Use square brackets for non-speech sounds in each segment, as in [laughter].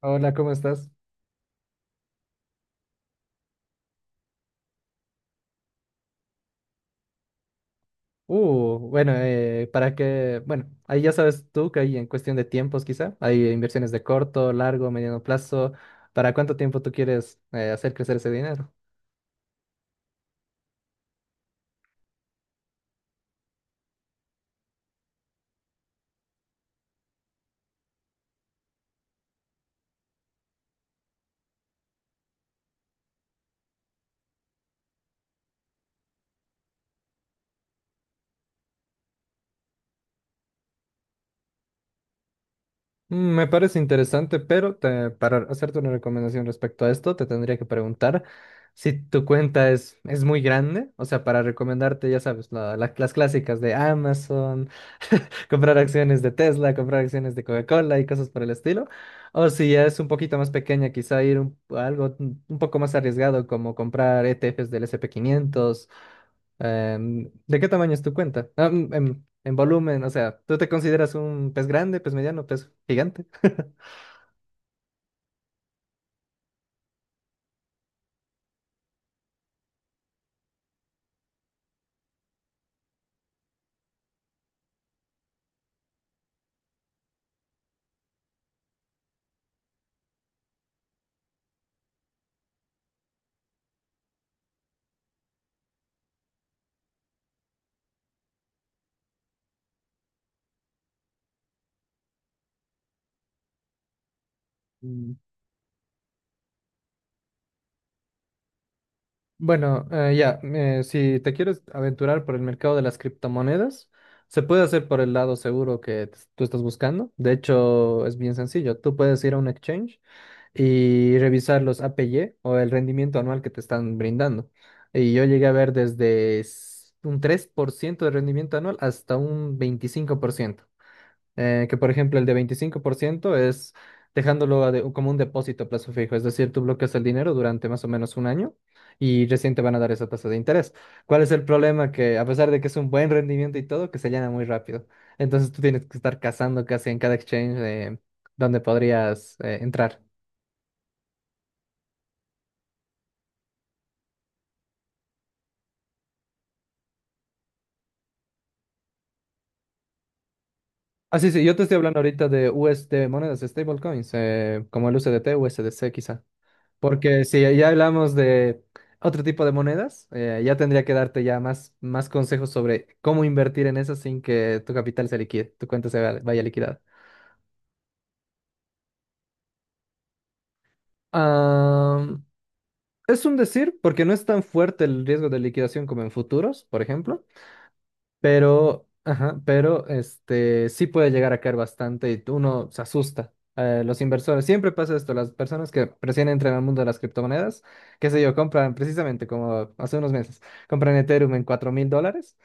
Hola, ¿cómo estás? Bueno, para que, bueno, ahí ya sabes tú que hay en cuestión de tiempos quizá, hay inversiones de corto, largo, mediano plazo, ¿para cuánto tiempo tú quieres hacer crecer ese dinero? Mm, me parece interesante, pero para hacerte una recomendación respecto a esto, te tendría que preguntar si tu cuenta es muy grande, o sea, para recomendarte, ya sabes, las clásicas de Amazon, comprar acciones de Tesla, comprar acciones de Coca-Cola y cosas por el estilo, o si ya es un poquito más pequeña, quizá ir a algo un poco más arriesgado, como comprar ETFs del S&P 500. ¿De qué tamaño es tu cuenta? Ah, mm, en volumen, o sea, ¿tú te consideras un pez grande, pez mediano, pez gigante? Mm, bueno, si te quieres aventurar por el mercado de las criptomonedas, se puede hacer por el lado seguro que tú estás buscando. De hecho, es bien sencillo. Tú puedes ir a un exchange y revisar los APY o el rendimiento anual que te están brindando. Y yo llegué a ver desde un 3% de rendimiento anual hasta un 25%. Que por ejemplo el de 25% es dejándolo como un depósito a plazo fijo, es decir, tú bloqueas el dinero durante más o menos un año y recién te van a dar esa tasa de interés. ¿Cuál es el problema? Que a pesar de que es un buen rendimiento y todo, que se llena muy rápido. Entonces tú tienes que estar cazando casi en cada exchange donde podrías entrar. Ah, sí, sí, yo te estoy hablando ahorita de USD, monedas stablecoins, como el USDT, USDC quizá. Porque si ya hablamos de otro tipo de monedas, ya tendría que darte ya más, más consejos sobre cómo invertir en eso sin que tu capital se liquide, tu cuenta se vaya, vaya liquidada. Ah, es un decir, porque no es tan fuerte el riesgo de liquidación como en futuros, por ejemplo. Pero, ajá, pero este sí puede llegar a caer bastante y uno se asusta. Los inversores, siempre pasa esto, las personas que recién entran al mundo de las criptomonedas, qué sé yo, compran precisamente como hace unos meses, compran Ethereum en $4000,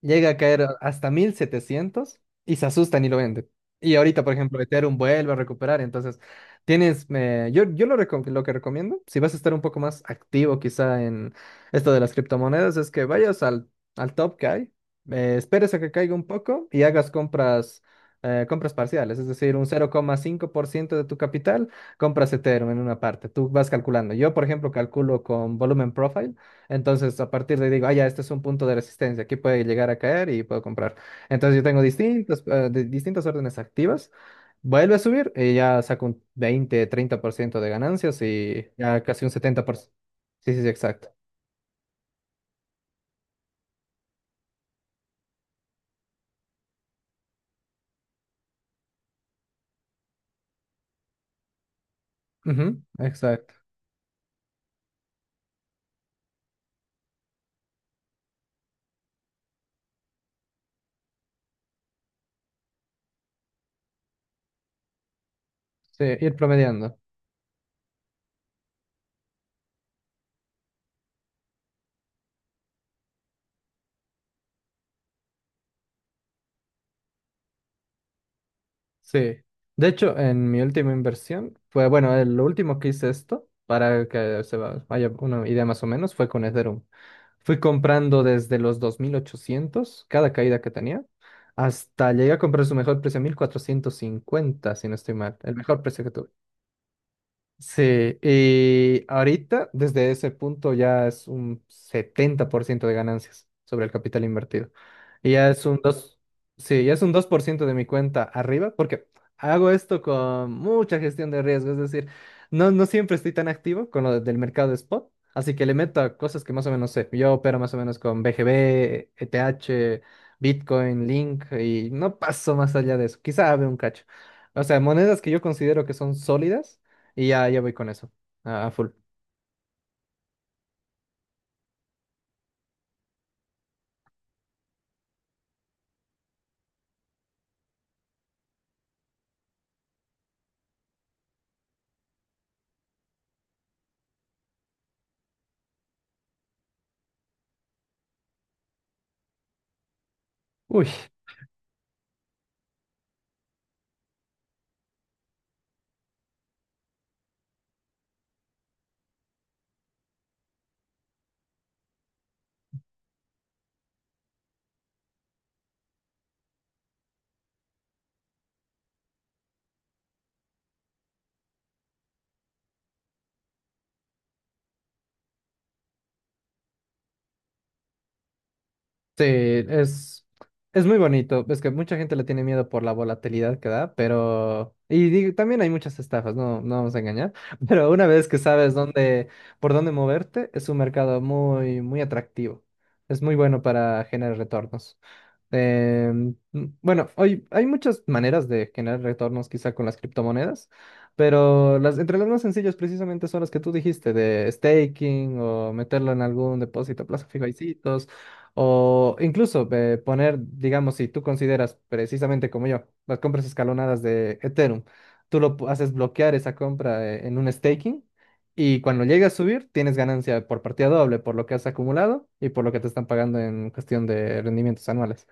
llega a caer hasta 1700 y se asustan y lo venden. Y ahorita, por ejemplo, Ethereum vuelve a recuperar, entonces tienes, lo que recomiendo, si vas a estar un poco más activo quizá en esto de las criptomonedas, es que vayas al top que hay, esperes a que caiga un poco y hagas compras. Compras parciales, es decir, un 0,5% de tu capital, compras Ethereum en una parte, tú vas calculando. Yo, por ejemplo, calculo con Volumen Profile, entonces, a partir de ahí digo, ah, ya, este es un punto de resistencia, aquí puede llegar a caer y puedo comprar. Entonces, yo tengo distintos, distintas órdenes activas, vuelve a subir y ya saco un 20, 30% de ganancias y ya casi un 70%. Sí, sí, sí, exacto. Ujú, exacto. Sí, ir promediando. Sí. De hecho, en mi última inversión fue, bueno, lo último que hice esto, para que vaya una idea más o menos, fue con Ethereum. Fui comprando desde los 2800 cada caída que tenía, hasta llegué a comprar su mejor precio, 1450 si no estoy mal. El mejor precio que tuvo. Sí, y ahorita desde ese punto ya es un 70% de ganancias sobre el capital invertido. Y ya es un dos, sí, ya es un 2% de mi cuenta arriba porque hago esto con mucha gestión de riesgo, es decir, no, no siempre estoy tan activo con del mercado de spot, así que le meto a cosas que más o menos sé. Yo opero más o menos con BGB, ETH, Bitcoin, Link y no paso más allá de eso. Quizá abre un cacho. O sea, monedas que yo considero que son sólidas y ya, ya voy con eso, a full. Uy, sí, es muy bonito. Es que mucha gente le tiene miedo por la volatilidad que da, pero... Y digo, también hay muchas estafas, no, no vamos a engañar. [laughs] Pero una vez que sabes dónde, por dónde moverte, es un mercado muy, muy atractivo. Es muy bueno para generar retornos. Eh, m- bueno, hoy hay muchas maneras de generar retornos quizá con las criptomonedas, pero las, entre las más sencillas precisamente son las que tú dijiste, de staking o meterlo en algún depósito a plazo fijo y citos, o incluso poner, digamos, si tú consideras precisamente como yo, las compras escalonadas de Ethereum, tú haces bloquear esa compra en un staking. Y cuando llegue a subir, tienes ganancia por partida doble, por lo que has acumulado y por lo que te están pagando en cuestión de rendimientos anuales.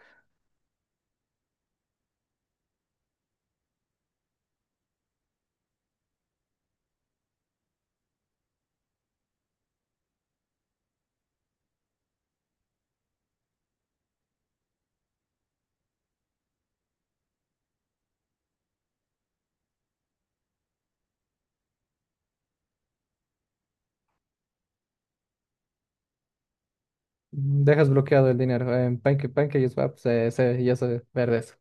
Mm, dejas bloqueado el dinero. En Pancake, PancakeSwap ya se ver eso.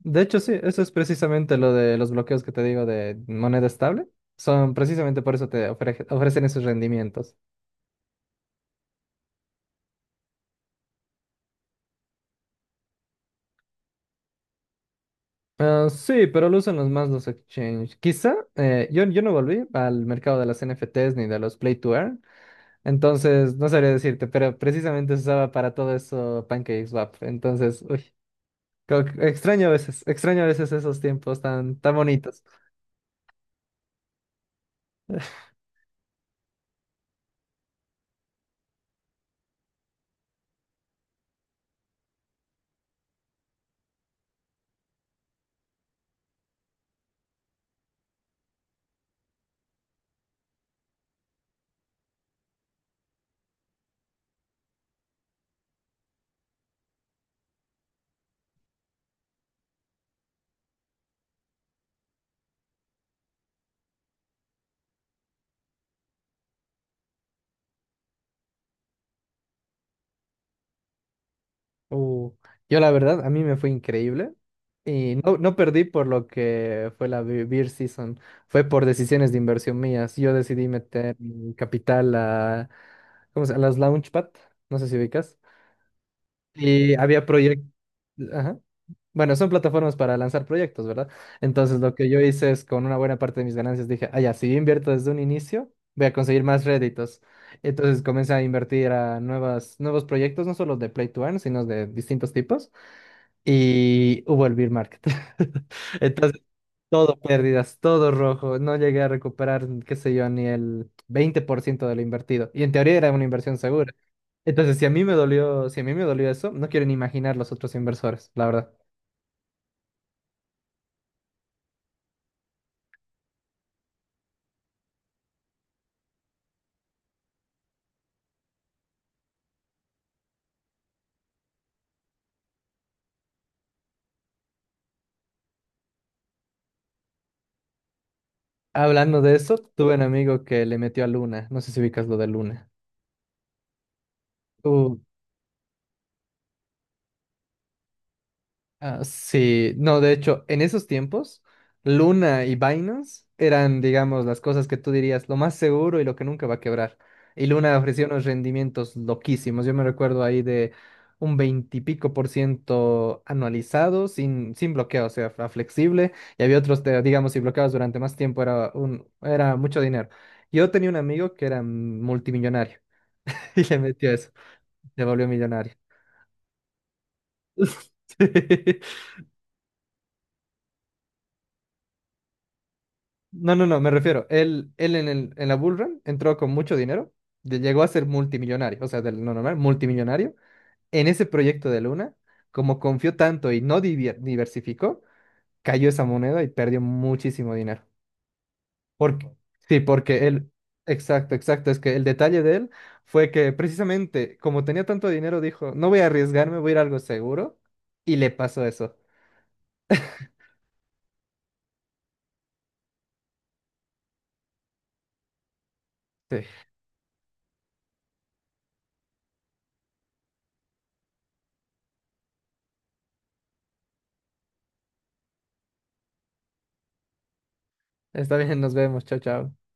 De hecho, sí, eso es precisamente lo de los bloqueos que te digo de moneda estable. Son precisamente por eso te ofrecen esos rendimientos. Ah, sí, pero lo usan los más los exchange. Quizá yo no volví al mercado de las NFTs ni de los Play to Earn. Entonces, no sabría decirte, pero precisamente se usaba para todo eso PancakeSwap. Entonces, uy, extraño a veces esos tiempos tan, tan bonitos. Uh, yo la verdad, a mí me fue increíble y no, no perdí por lo que fue la beer season, fue por decisiones de inversión mías. Yo decidí meter mi capital a, a las Launchpad, no sé si ubicas, y había proyectos, ajá. Bueno, son plataformas para lanzar proyectos, ¿verdad? Entonces lo que yo hice es con una buena parte de mis ganancias dije, ah, ya, si yo invierto desde un inicio, voy a conseguir más réditos. Entonces comencé a invertir a nuevos proyectos, no solo de Play to Earn, sino de distintos tipos y hubo el bear market. [laughs] Entonces, todo pérdidas, todo rojo. No llegué a recuperar, qué sé yo, ni el 20% de lo invertido. Y en teoría era una inversión segura. Entonces, si a mí me dolió, si a mí me dolió eso, no quiero ni imaginar los otros inversores, la verdad. Hablando de eso, tuve un amigo que le metió a Luna. No sé si ubicas lo de Luna. Uh, Ah, sí, no, de hecho, en esos tiempos, Luna y Binance eran, digamos, las cosas que tú dirías lo más seguro y lo que nunca va a quebrar. Y Luna ofrecía unos rendimientos loquísimos. Yo me recuerdo ahí de un 20 y pico % anualizado, sin, sin bloqueo, o sea, a flexible. Y había otros, de, digamos, si bloqueabas durante más tiempo, era mucho dinero. Yo tenía un amigo que era multimillonario [laughs] y le metió eso, se volvió millonario. [laughs] Sí. No, no, no, me refiero. Él en la Bull Run entró con mucho dinero, llegó a ser multimillonario, o sea, del no normal, multimillonario. En ese proyecto de Luna, como confió tanto y no diversificó, cayó esa moneda y perdió muchísimo dinero. Porque, sí, porque él, exacto, exacto, es que el detalle de él fue que precisamente como tenía tanto dinero, dijo, no voy a arriesgarme, voy a ir a algo seguro, y le pasó eso. Sí, está bien, nos vemos, chao, chao.